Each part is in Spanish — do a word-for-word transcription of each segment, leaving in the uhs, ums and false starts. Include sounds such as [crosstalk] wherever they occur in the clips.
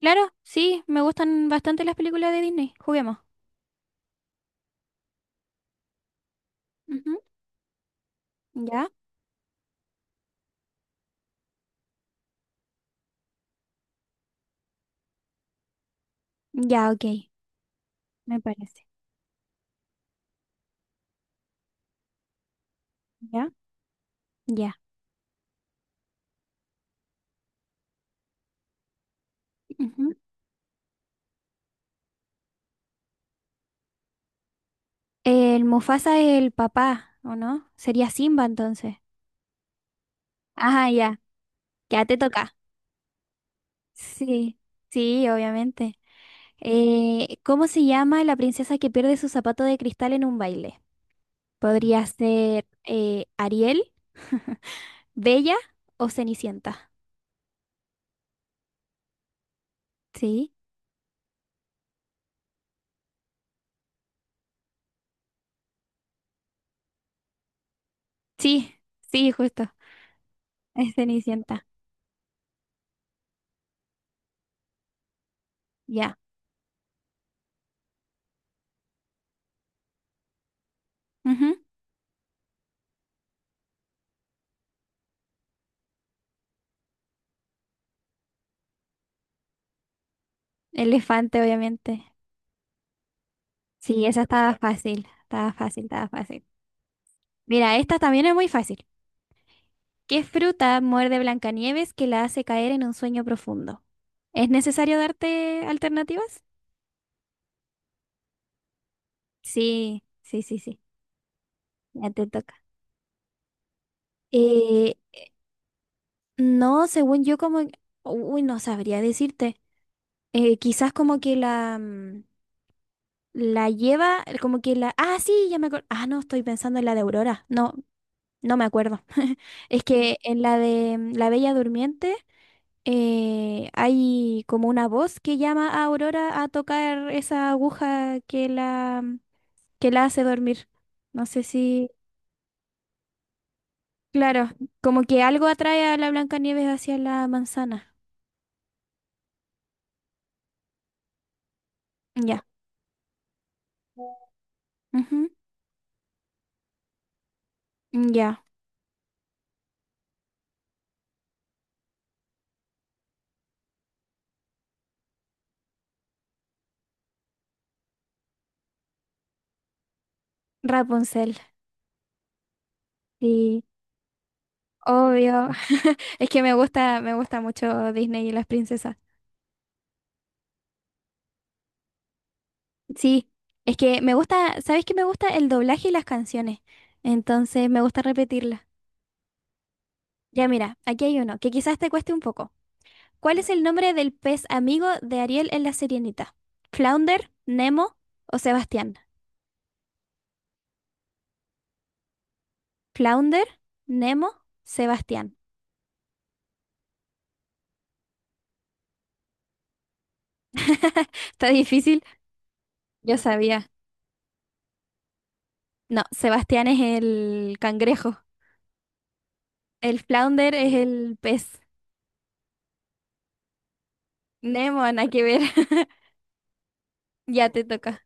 Claro, sí, me gustan bastante las películas de Disney. Juguemos. Ujú, ya, ya, ok, me parece. Ya, ya. Ujú. El Mufasa es el papá, ¿o no? Sería Simba entonces. Ajá, ya, ya te toca. Sí, sí, obviamente. Eh, ¿cómo se llama la princesa que pierde su zapato de cristal en un baile? ¿Podría ser eh, Ariel, [laughs] Bella o Cenicienta? Sí, sí, sí, justo, es Cenicienta. Ya. Ujú, elefante, obviamente. Sí, esa estaba fácil, estaba fácil, estaba fácil. Mira, esta también es muy fácil. ¿Qué fruta muerde Blancanieves que la hace caer en un sueño profundo? ¿Es necesario darte alternativas? Sí, sí, sí, sí. Ya te toca. Eh, no, según yo como... Uy, no sabría decirte. Eh, quizás como que la... mm, la lleva, como que la... Ah, sí, ya me acuerdo. Ah, no, estoy pensando en la de Aurora. No, no me acuerdo. [laughs] Es que en la de mm, La Bella Durmiente eh, hay como una voz que llama a Aurora a tocar esa aguja que la, mm, que la hace dormir. No sé si... Claro, como que algo atrae a la Blancanieves hacia la manzana. Ya. Ujú, ya. Rapunzel. Sí, obvio. [laughs] Es que me gusta, me gusta mucho Disney y las princesas. Sí, es que me gusta, ¿sabes qué me gusta? El doblaje y las canciones. Entonces me gusta repetirlas. Ya mira, aquí hay uno que quizás te cueste un poco. ¿Cuál es el nombre del pez amigo de Ariel en La Sirenita? ¿Flounder, Nemo o Sebastián? ¿Flounder, Nemo, Sebastián? [laughs] Está difícil, yo sabía. No, Sebastián es el cangrejo. El flounder es el pez. Nemo, nada que ver. [laughs] Ya te toca.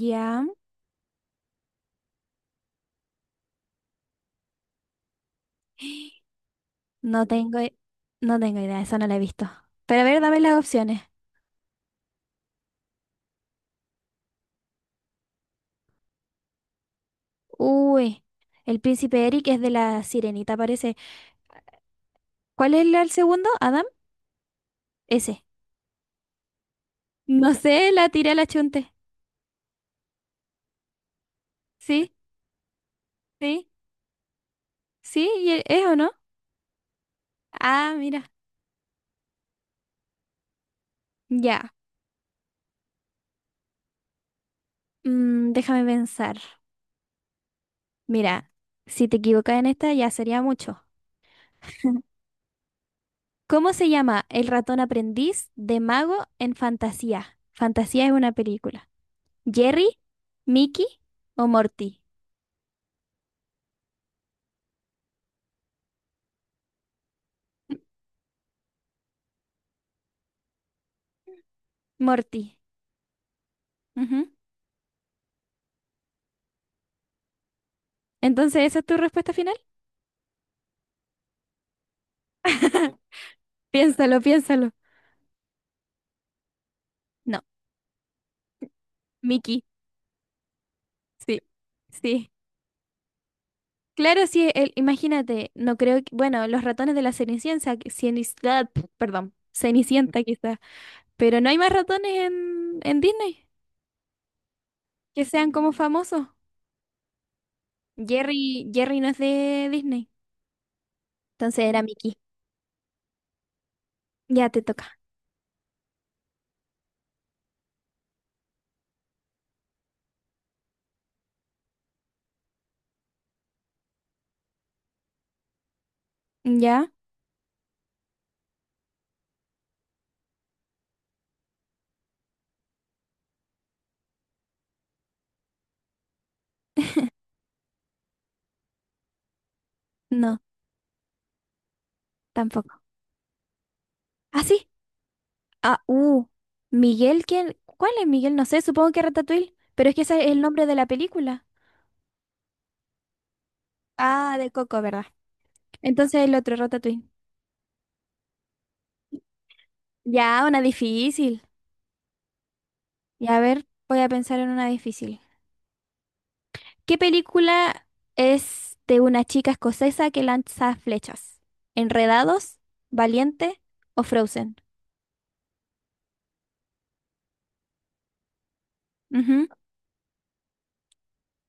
Ya. No tengo, i- no tengo idea, esa no la he visto. Pero a ver, dame las opciones. Uy, el príncipe Eric es de la Sirenita, parece. ¿Cuál es el, el segundo? ¿Adam? Ese. No sé, la tiré a la chunte. Sí, sí, sí, y e- es o no. Ah, mira. Ya. Mm, déjame pensar. Mira, si te equivocas en esta ya sería mucho. ¿Cómo se llama el ratón aprendiz de mago en Fantasía? Fantasía es una película. ¿Jerry, Mickey o Morty? Morty. Ujú. Entonces, ¿esa es tu respuesta final? [laughs] Piénsalo, piénsalo. No, Mickey. Sí, sí. Claro, sí, el- imagínate, no creo que, bueno, los ratones de la Cenicienta, que- ah, perdón, Cenicienta quizás, pero no hay más ratones en, en Disney que sean como famosos. Jerry, Jerry no es de Disney, entonces era Mickey. Ya te toca. ¿Ya? No, tampoco. ¿Ah, sí? Ah, uh, Miguel, ¿quién? ¿Cuál es Miguel? No sé, supongo que Ratatouille, pero es que ese es el nombre de la película. Ah, de Coco, ¿verdad? Entonces el otro, Ratatouille. Ya, una difícil. Y a ver, voy a pensar en una difícil. ¿Qué película es de una chica escocesa que lanza flechas? ¿Enredados, Valiente o Frozen? Ujú,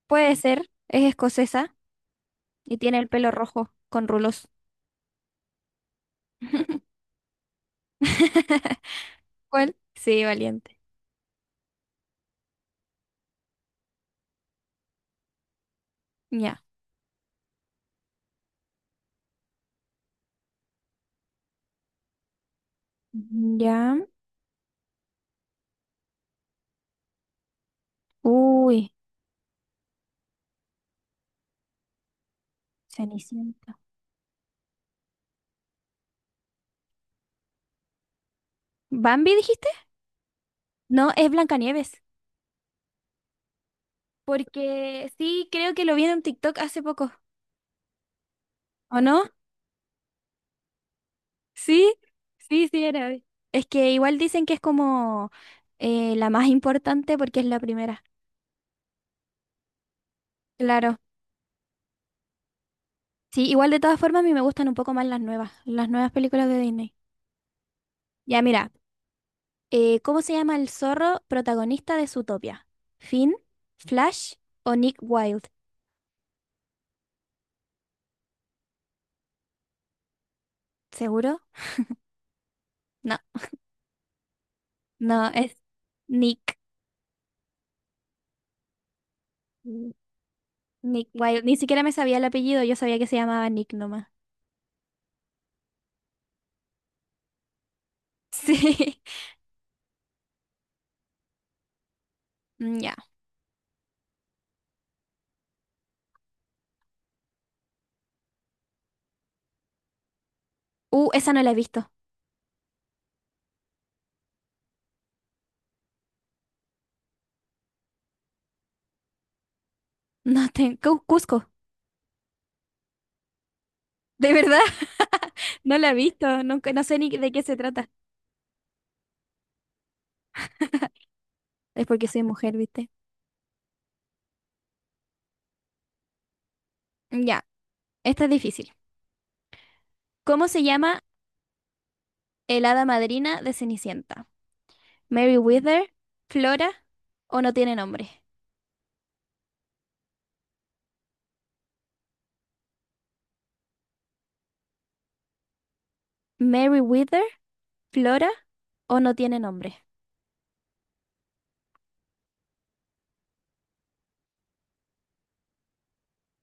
puede ser, es escocesa y tiene el pelo rojo con rulos. [laughs] ¿Cuál? Sí, Valiente. Ya. Ya. Uy, Cenicienta. ¿Bambi dijiste? No, es Blancanieves. Porque sí, creo que lo vi en un TikTok hace poco. ¿O no? Sí, sí, sí, era. Es que igual dicen que es como eh, la más importante porque es la primera. Claro. Sí, igual de todas formas a mí me gustan un poco más las nuevas, las nuevas películas de Disney. Ya, mira, eh, ¿cómo se llama el zorro protagonista de Zootopia? ¿Finn, Flash o Nick Wilde? ¿Seguro? No, no, es Nick. Nick Wilde. Ni siquiera me sabía el apellido, yo sabía que se llamaba Nick nomás. Sí. [laughs] Mm, ya. Uh, esa no la he visto. No tengo. Cusco. De verdad. [laughs] No la he visto. Nunca, no sé ni de qué se trata. Es porque soy mujer, ¿viste? Ya. Esta es difícil. ¿Cómo se llama el hada madrina de Cenicienta? ¿Mary Wither? ¿Flora? ¿O no tiene nombre? ¿Mary Wither? ¿Flora? ¿O no tiene nombre?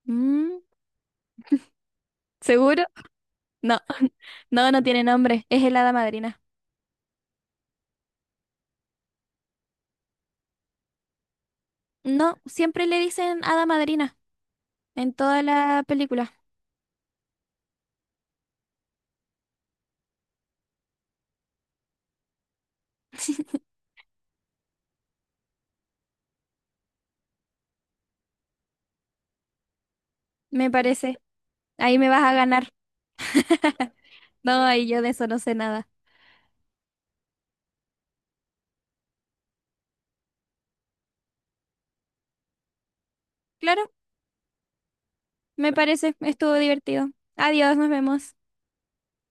Mm, ¿seguro? No. [laughs] No, no tiene nombre. Es el hada madrina. No, siempre le dicen hada madrina en toda la película, me parece. Ahí me vas a ganar. No, ahí yo de eso no sé nada. Claro, me parece. Estuvo divertido. Adiós, nos vemos.